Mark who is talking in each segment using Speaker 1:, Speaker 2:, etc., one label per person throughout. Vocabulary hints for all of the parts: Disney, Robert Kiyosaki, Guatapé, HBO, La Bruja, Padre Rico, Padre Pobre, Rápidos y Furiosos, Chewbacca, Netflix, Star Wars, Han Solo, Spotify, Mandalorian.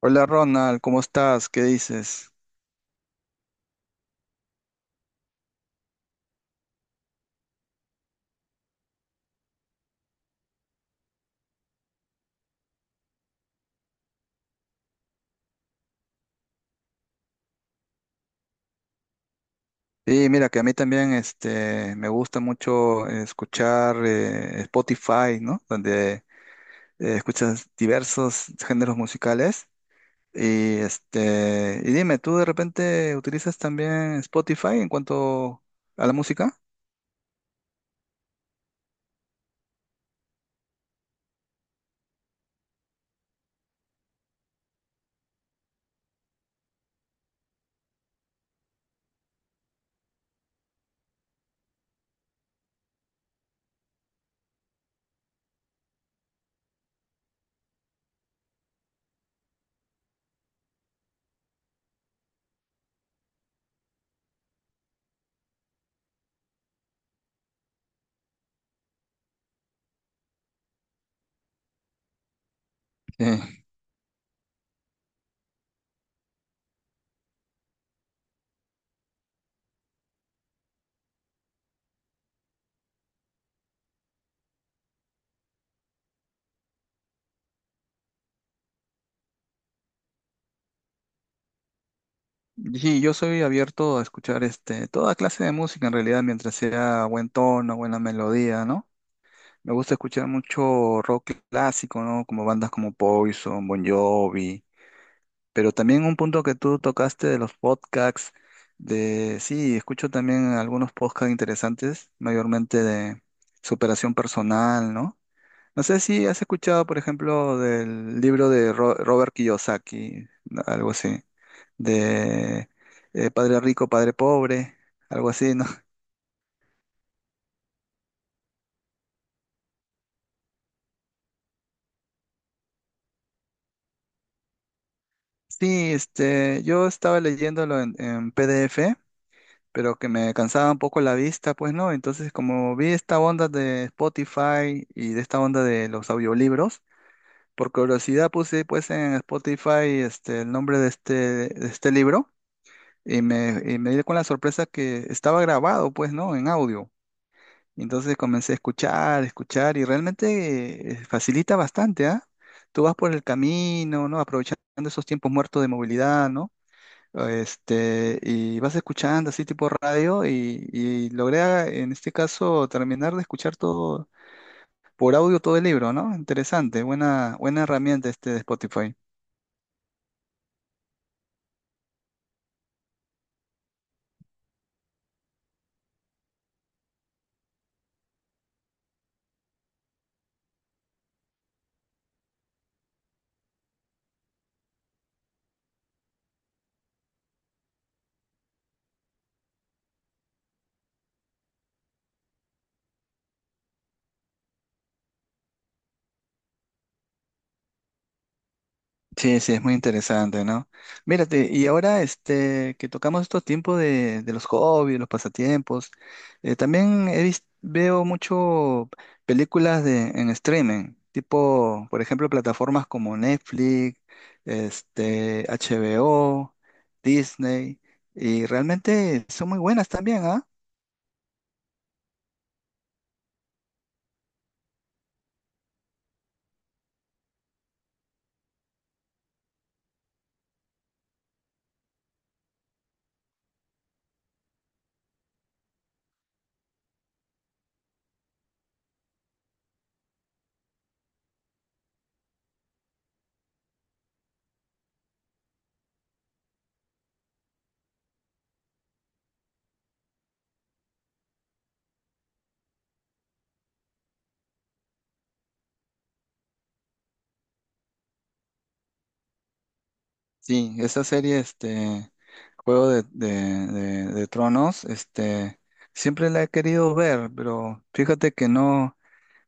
Speaker 1: Hola Ronald, ¿cómo estás? ¿Qué dices? Sí, mira que a mí también me gusta mucho escuchar Spotify, ¿no? Donde escuchas diversos géneros musicales. Y dime, ¿tú de repente utilizas también Spotify en cuanto a la música? Sí. Sí, yo soy abierto a escuchar toda clase de música en realidad, mientras sea buen tono, buena melodía, ¿no? Me gusta escuchar mucho rock clásico, ¿no? Como bandas como Poison, Bon Jovi, pero también un punto que tú tocaste de los podcasts, de sí, escucho también algunos podcasts interesantes, mayormente de superación personal, ¿no? No sé si has escuchado, por ejemplo, del libro de Robert Kiyosaki, algo así, de Padre Rico, Padre Pobre, algo así, ¿no? Sí, este, yo estaba leyéndolo en PDF, pero que me cansaba un poco la vista, pues no. Entonces, como vi esta onda de Spotify y de esta onda de los audiolibros, por curiosidad puse pues en Spotify el nombre de este libro y me di con la sorpresa que estaba grabado, pues no, en audio. Entonces comencé a escuchar, escuchar y realmente facilita bastante, ¿ah? Tú vas por el camino, ¿no? Aprovechando esos tiempos muertos de movilidad, ¿no? Este, y vas escuchando así tipo radio y en este caso terminar de escuchar todo por audio todo el libro, ¿no? Interesante, buena herramienta este de Spotify. Sí, sí, es muy interesante, ¿no? Mírate, y ahora este, que tocamos estos tiempos de los hobbies, los pasatiempos, también veo mucho películas de, en streaming, tipo, por ejemplo, plataformas como Netflix, este, HBO, Disney, y realmente son muy buenas también, ¿ah? Sí, esa serie, este, Juego de Tronos, este, siempre la he querido ver, pero fíjate que no,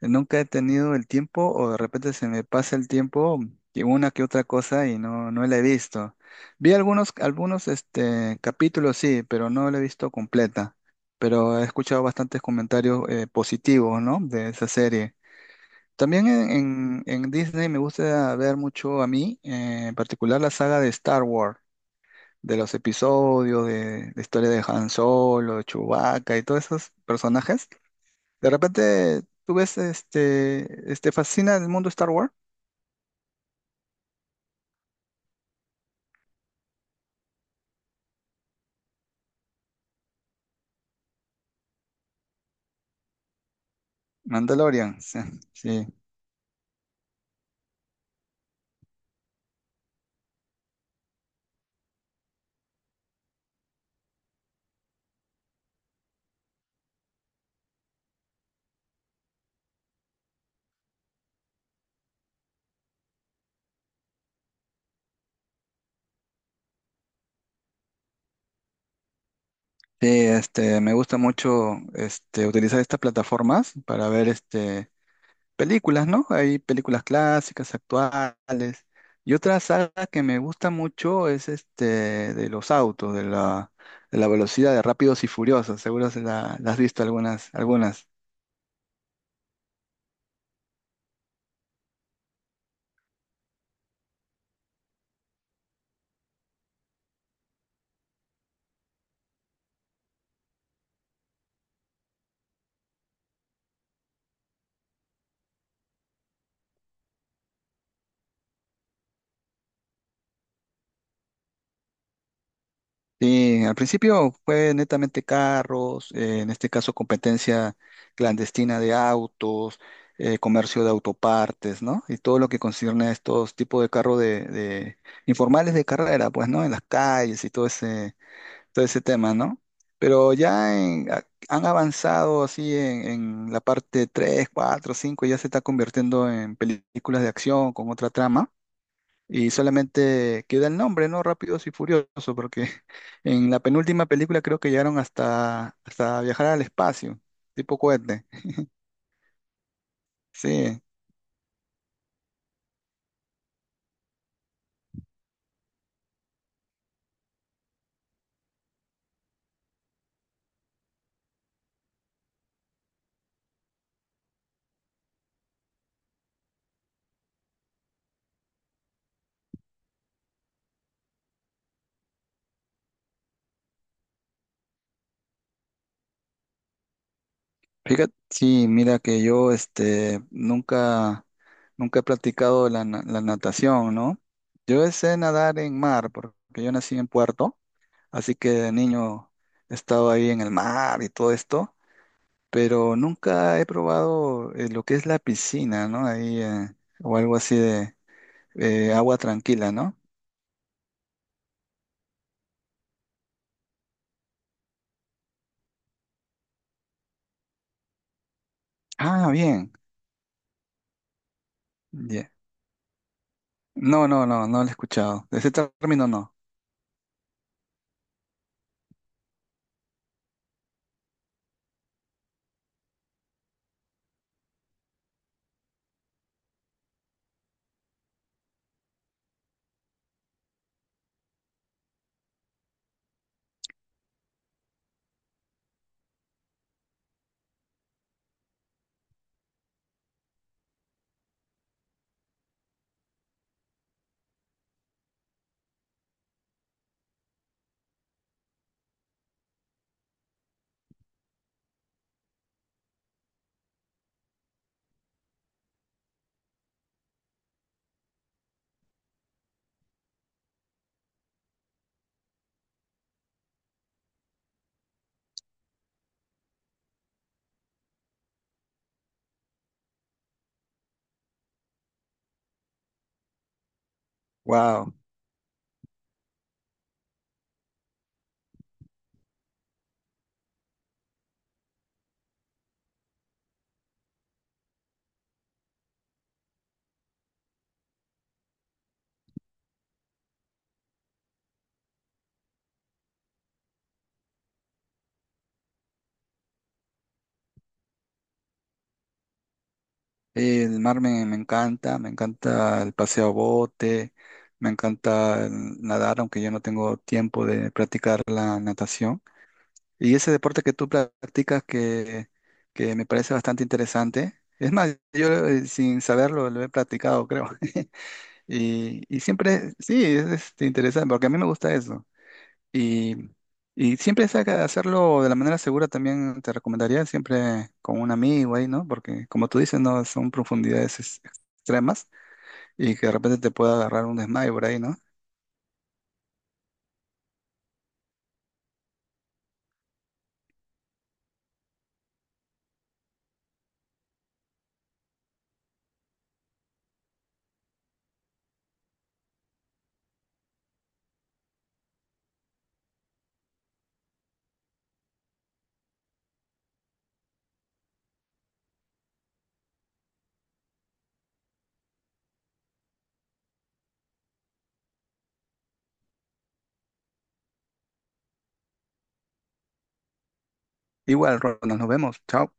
Speaker 1: nunca he tenido el tiempo o de repente se me pasa el tiempo y una que otra cosa y no, no la he visto. Vi algunos, este, capítulos, sí, pero no la he visto completa, pero he escuchado bastantes comentarios positivos, ¿no? De esa serie. También en Disney me gusta ver mucho a mí, en particular la saga de Star Wars de los episodios, de la historia de Han Solo, de Chewbacca y todos esos personajes. De repente tú ves, este fascina el mundo Star Wars, Mandalorian, sí, sí. Sí, este, me gusta mucho utilizar estas plataformas para ver este, películas, ¿no? Hay películas clásicas, actuales. Y otra saga que me gusta mucho es este de los autos, de la velocidad de Rápidos y Furiosos. Seguro se la has visto algunas, algunas. Sí, al principio fue netamente carros, en este caso competencia clandestina de autos, comercio de autopartes, ¿no? Y todo lo que concierne a estos tipos de carros informales de carrera, pues, ¿no? En las calles y todo ese tema, ¿no? Pero ya han avanzado así en la parte 3, 4, 5, ya se está convirtiendo en películas de acción con otra trama. Y solamente queda el nombre, ¿no? Rápidos y Furiosos, porque en la penúltima película creo que llegaron hasta, hasta viajar al espacio, tipo cohete. Sí, fíjate, sí, mira que yo este, nunca, nunca he practicado la natación, ¿no? Yo sé nadar en mar, porque yo nací en Puerto, así que de niño he estado ahí en el mar y todo esto, pero nunca he probado lo que es la piscina, ¿no? Ahí, o algo así. Agua tranquila, ¿no? Ah, bien. Ya. No, no, no, no lo he escuchado. De ese término no. Wow. El mar me encanta el paseo a bote, me encanta el nadar, aunque yo no tengo tiempo de practicar la natación. Y ese deporte que tú practicas que me parece bastante interesante. Es más, yo sin saberlo lo he practicado, creo. Y, y siempre, sí, es interesante, porque a mí me gusta eso. Y, y siempre saca de hacerlo de la manera segura también te recomendaría, siempre con un amigo ahí, ¿no? Porque como tú dices, no son profundidades extremas y que de repente te pueda agarrar un desmayo por ahí, ¿no? Igual, Ronald, nos vemos. Chao.